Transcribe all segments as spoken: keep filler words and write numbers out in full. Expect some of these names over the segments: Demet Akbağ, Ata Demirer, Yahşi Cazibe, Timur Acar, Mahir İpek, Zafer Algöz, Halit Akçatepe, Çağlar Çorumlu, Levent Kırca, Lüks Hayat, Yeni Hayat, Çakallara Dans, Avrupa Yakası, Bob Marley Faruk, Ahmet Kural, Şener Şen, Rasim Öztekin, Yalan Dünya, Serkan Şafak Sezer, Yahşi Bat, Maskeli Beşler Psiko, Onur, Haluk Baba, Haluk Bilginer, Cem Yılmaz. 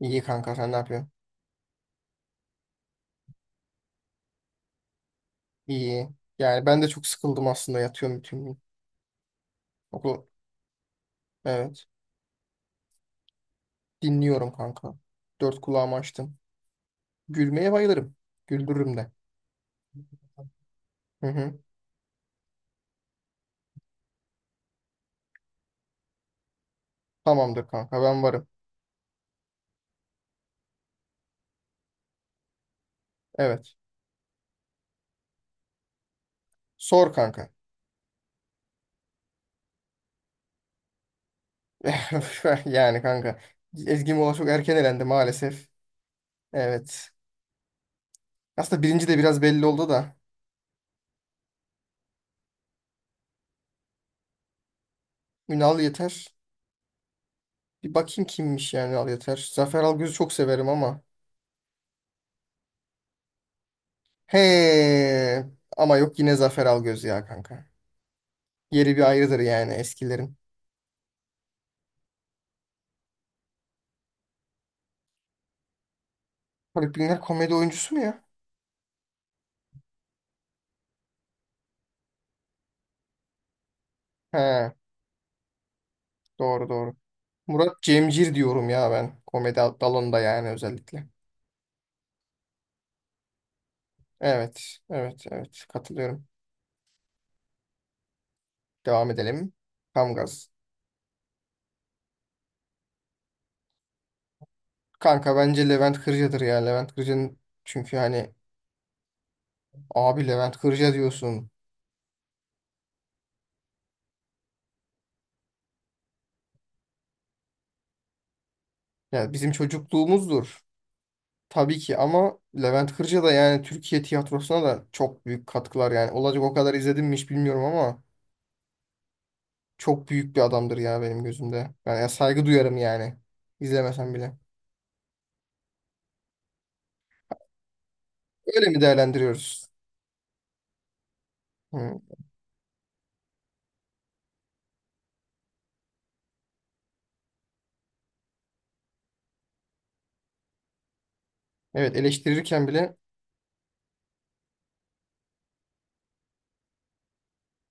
İyi kanka, sen ne yapıyorsun? İyi. Yani ben de çok sıkıldım aslında, yatıyorum bütün gün. Okul. Evet. Dinliyorum kanka. Dört kulağımı açtım. Gülmeye bayılırım. Güldürürüm de. Hı hı. Tamamdır kanka, ben varım. Evet. Sor kanka. Yani kanka. Ezgi Mola çok erken elendi maalesef. Evet. Aslında birinci de biraz belli oldu da. Ünal Yeter. Bir bakayım kimmiş yani Ünal Yeter. Zafer Algöz'ü çok severim ama. He. Ama yok, yine Zafer Algöz ya kanka. Yeri bir ayrıdır yani eskilerin. Haluk Bilginer komedi oyuncusu mu ya? He, doğru doğru. Murat Cemcir diyorum ya ben. Komedi dalında yani özellikle. Evet, evet, evet. Katılıyorum. Devam edelim. Kamgaz. Kanka bence Levent Kırca'dır ya. Levent Kırca'nın çünkü hani abi Levent Kırca diyorsun. Ya bizim çocukluğumuzdur. Tabii ki, ama Levent Kırca da yani Türkiye tiyatrosuna da çok büyük katkılar yani. Olacak o kadar izledim mi hiç bilmiyorum ama çok büyük bir adamdır ya benim gözümde. Ben ya saygı duyarım yani. İzlemesem bile. Öyle mi değerlendiriyoruz? Hmm. Evet, eleştirirken bile.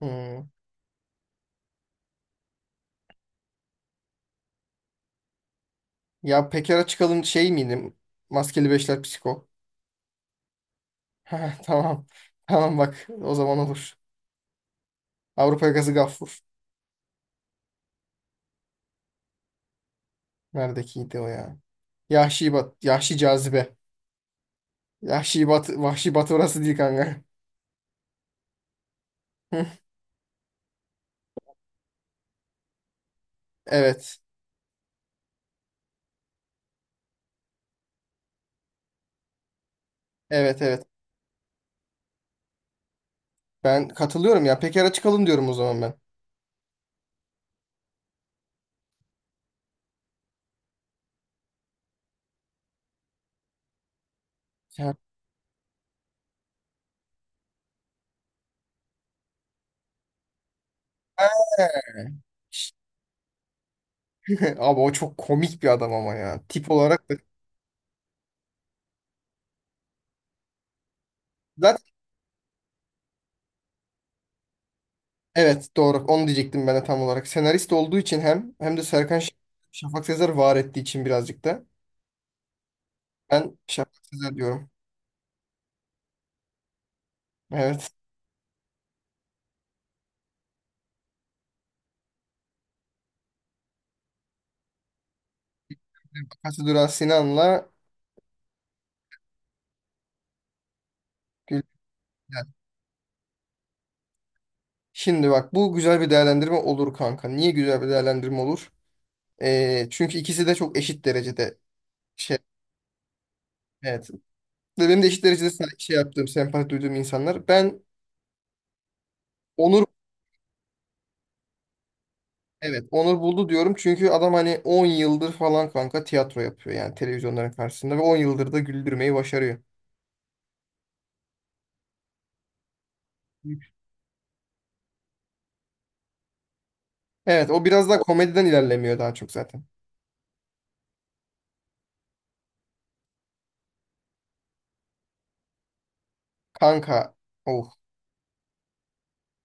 Hmm. Ya Pekara çıkalım şey miydi? Maskeli Beşler Psiko. Ha, tamam. Tamam bak, o zaman olur. Avrupa Yakası Gaffur. Neredekiydi o ya? Yahşi Bat, Yahşi Cazibe. Yahşi Bat, Vahşi Batı orası değil kanka. Evet. Evet, evet. Ben katılıyorum ya. Pekara çıkalım diyorum o zaman ben. Ha. Abi o çok komik bir adam ama ya. Tip olarak da. Zaten evet, doğru. Onu diyecektim ben de tam olarak. Senarist olduğu için hem hem de Serkan Ş- Şafak Sezer var ettiği için birazcık da. Ben Şafak Sezer diyorum. Evet. Bakası Duran Sinan'la Gülden. Şimdi bak, bu güzel bir değerlendirme olur kanka. Niye güzel bir değerlendirme olur? Ee, çünkü ikisi de çok eşit derecede şey. Evet. Ve benim de eşit derecede sen- şey yaptığım, sempati duyduğum insanlar. Ben Onur Evet, Onur Buldu diyorum çünkü adam hani on yıldır falan kanka tiyatro yapıyor yani, televizyonların karşısında, ve on yıldır da güldürmeyi başarıyor. Evet, o biraz daha komediden ilerlemiyor daha çok zaten. Kanka, oh,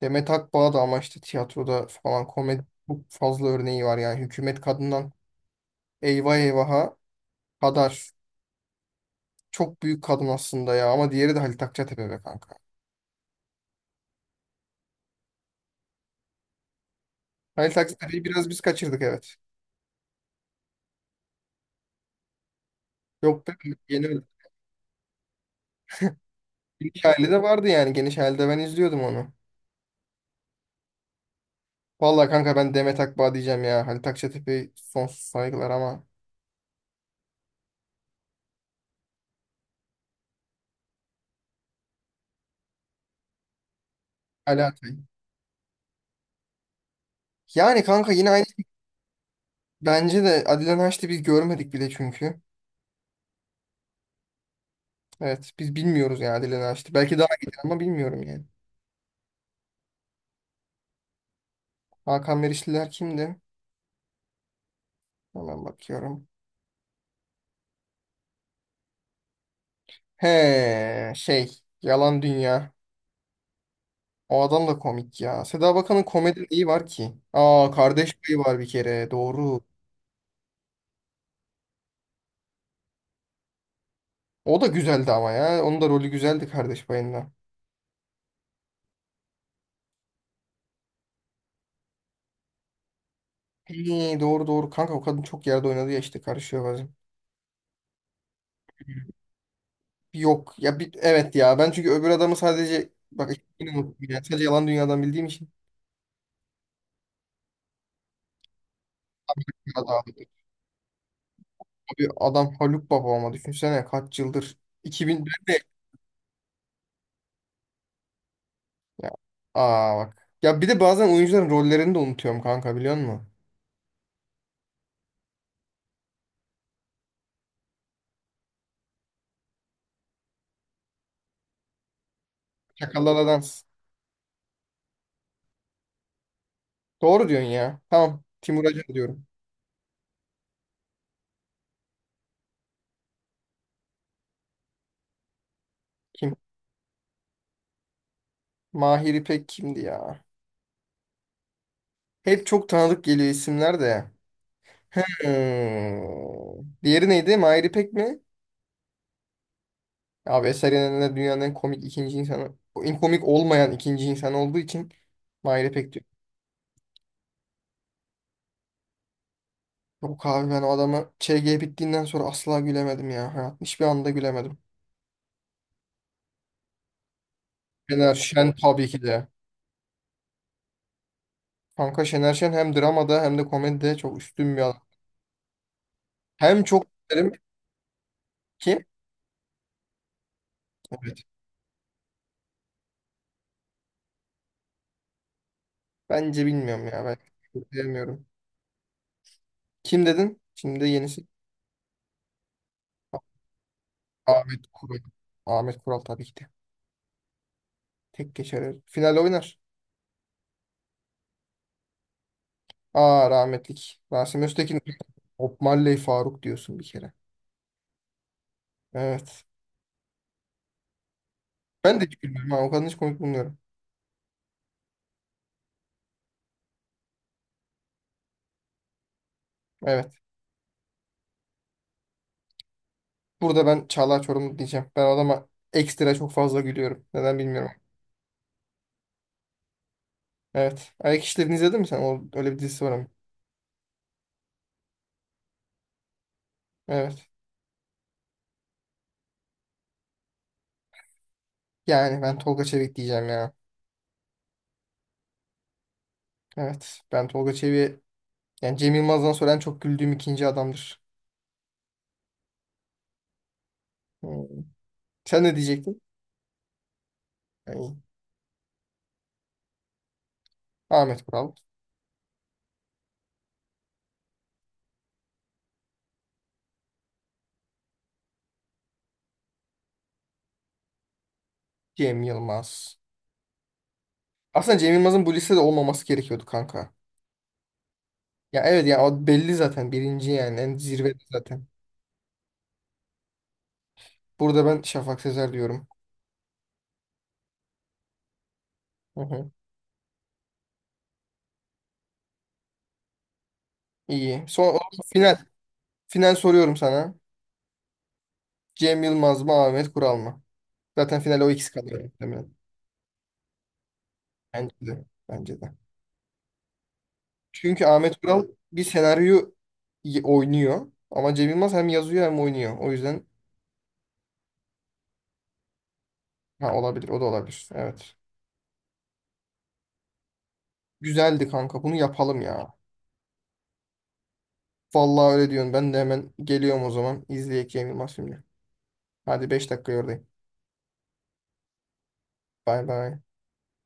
Demet Akbağ da ama işte tiyatroda falan komedi çok fazla örneği var yani, hükümet kadından eyvah eyvaha kadar çok büyük kadın aslında ya, ama diğeri de Halit Akçatepe be kanka. Halit Akçatepe'yi biraz biz kaçırdık, evet. Yok be, yeni geniş aile de vardı yani, geniş ailede ben izliyordum onu. Vallahi kanka, ben Demet Akbağ diyeceğim ya. Halit Akçatepe sonsuz saygılar ama Ali Atay. Yani kanka yine aynı. Bence de Adile Naşit'i biz görmedik bile çünkü. Evet, biz bilmiyoruz yani Adile Naşit'i. Belki daha iyi ama bilmiyorum yani. Hakan Merişliler kimdi? Hemen bakıyorum. He şey, Yalan Dünya. O adam da komik ya. Seda Bakan'ın komedi neyi var ki? Aa, Kardeş Payı var bir kere, doğru. O da güzeldi ama ya. Onun da rolü güzeldi Kardeş Payı'nda. İyi, doğru doğru kanka, o kadın çok yerde oynadı ya, işte karışıyor bazen. Yok ya bir, evet ya, ben çünkü öbür adamı sadece bak, yine unuttum ya, sadece Yalan Dünya'dan bildiğim için. Ya da abi, adam Haluk Baba ama düşünsene kaç yıldır. iki bin dörtte ya. Aa bak. Ya bir de bazen oyuncuların rollerini de unutuyorum kanka, biliyor musun? Çakallara Dans. Doğru diyorsun ya. Tamam. Timur Acar diyorum. Kim? Mahir İpek kimdi ya? Hep çok tanıdık geliyor isimler de. Hmm. Diğeri neydi? Mahir İpek mi? Abi Eser'in de dünyanın en komik ikinci insanı, en komik olmayan ikinci insan olduğu için Mahir'e pek diyor. Yok abi, ben o adamı ÇG bittiğinden sonra asla gülemedim ya. Hayatın hiçbir anda gülemedim. Şener Şen tabii ki de. Kanka Şener Şen hem dramada hem de komedide çok üstün bir adam. Hem çok derim ki, evet. Bence bilmiyorum ya, ben bilmiyorum. Kim dedin? Şimdi yenisi. Ahmet Kural. Ahmet Kural tabii ki de. Tek geçer. Final oynar. Aa, rahmetlik. Rasim Öztekin. Bob Marley Faruk diyorsun bir kere. Evet. Ben de hiç gülmüyorum. Ha, o kadını hiç komik bulmuyorum. Evet. Burada ben Çağlar Çorumlu diyeceğim. Ben adama ekstra çok fazla gülüyorum. Neden bilmiyorum. Evet. Ayak İşleri'ni izledin mi sen? O, öyle bir dizisi var ama. Evet. Yani ben Tolga Çevik diyeceğim ya. Evet. Ben Tolga Çevik'e yani Cem Yılmaz'dan sonra en çok güldüğüm ikinci adamdır. Hmm. Sen ne diyecektin? Yani Ahmet Kural. Cem Yılmaz. Aslında Cem Yılmaz'ın bu listede olmaması gerekiyordu kanka. Ya evet ya, o belli zaten birinci, yani en zirvede zaten. Burada ben Şafak Sezer diyorum. Hı hı. İyi. Son o- final. Final soruyorum sana. Cem Yılmaz mı, Ahmet Kural mı? Zaten finale o ikisi kalıyor muhtemelen. Bence de. Bence de. Çünkü Ahmet Kural bir senaryo y- oynuyor. Ama Cem Yılmaz hem yazıyor hem oynuyor. O yüzden ha, olabilir. O da olabilir. Evet. Güzeldi kanka. Bunu yapalım ya. Vallahi öyle diyorsun. Ben de hemen geliyorum o zaman. İzleyek Cem Yılmaz filmini. Hadi beş dakika oradayım. Bay bay.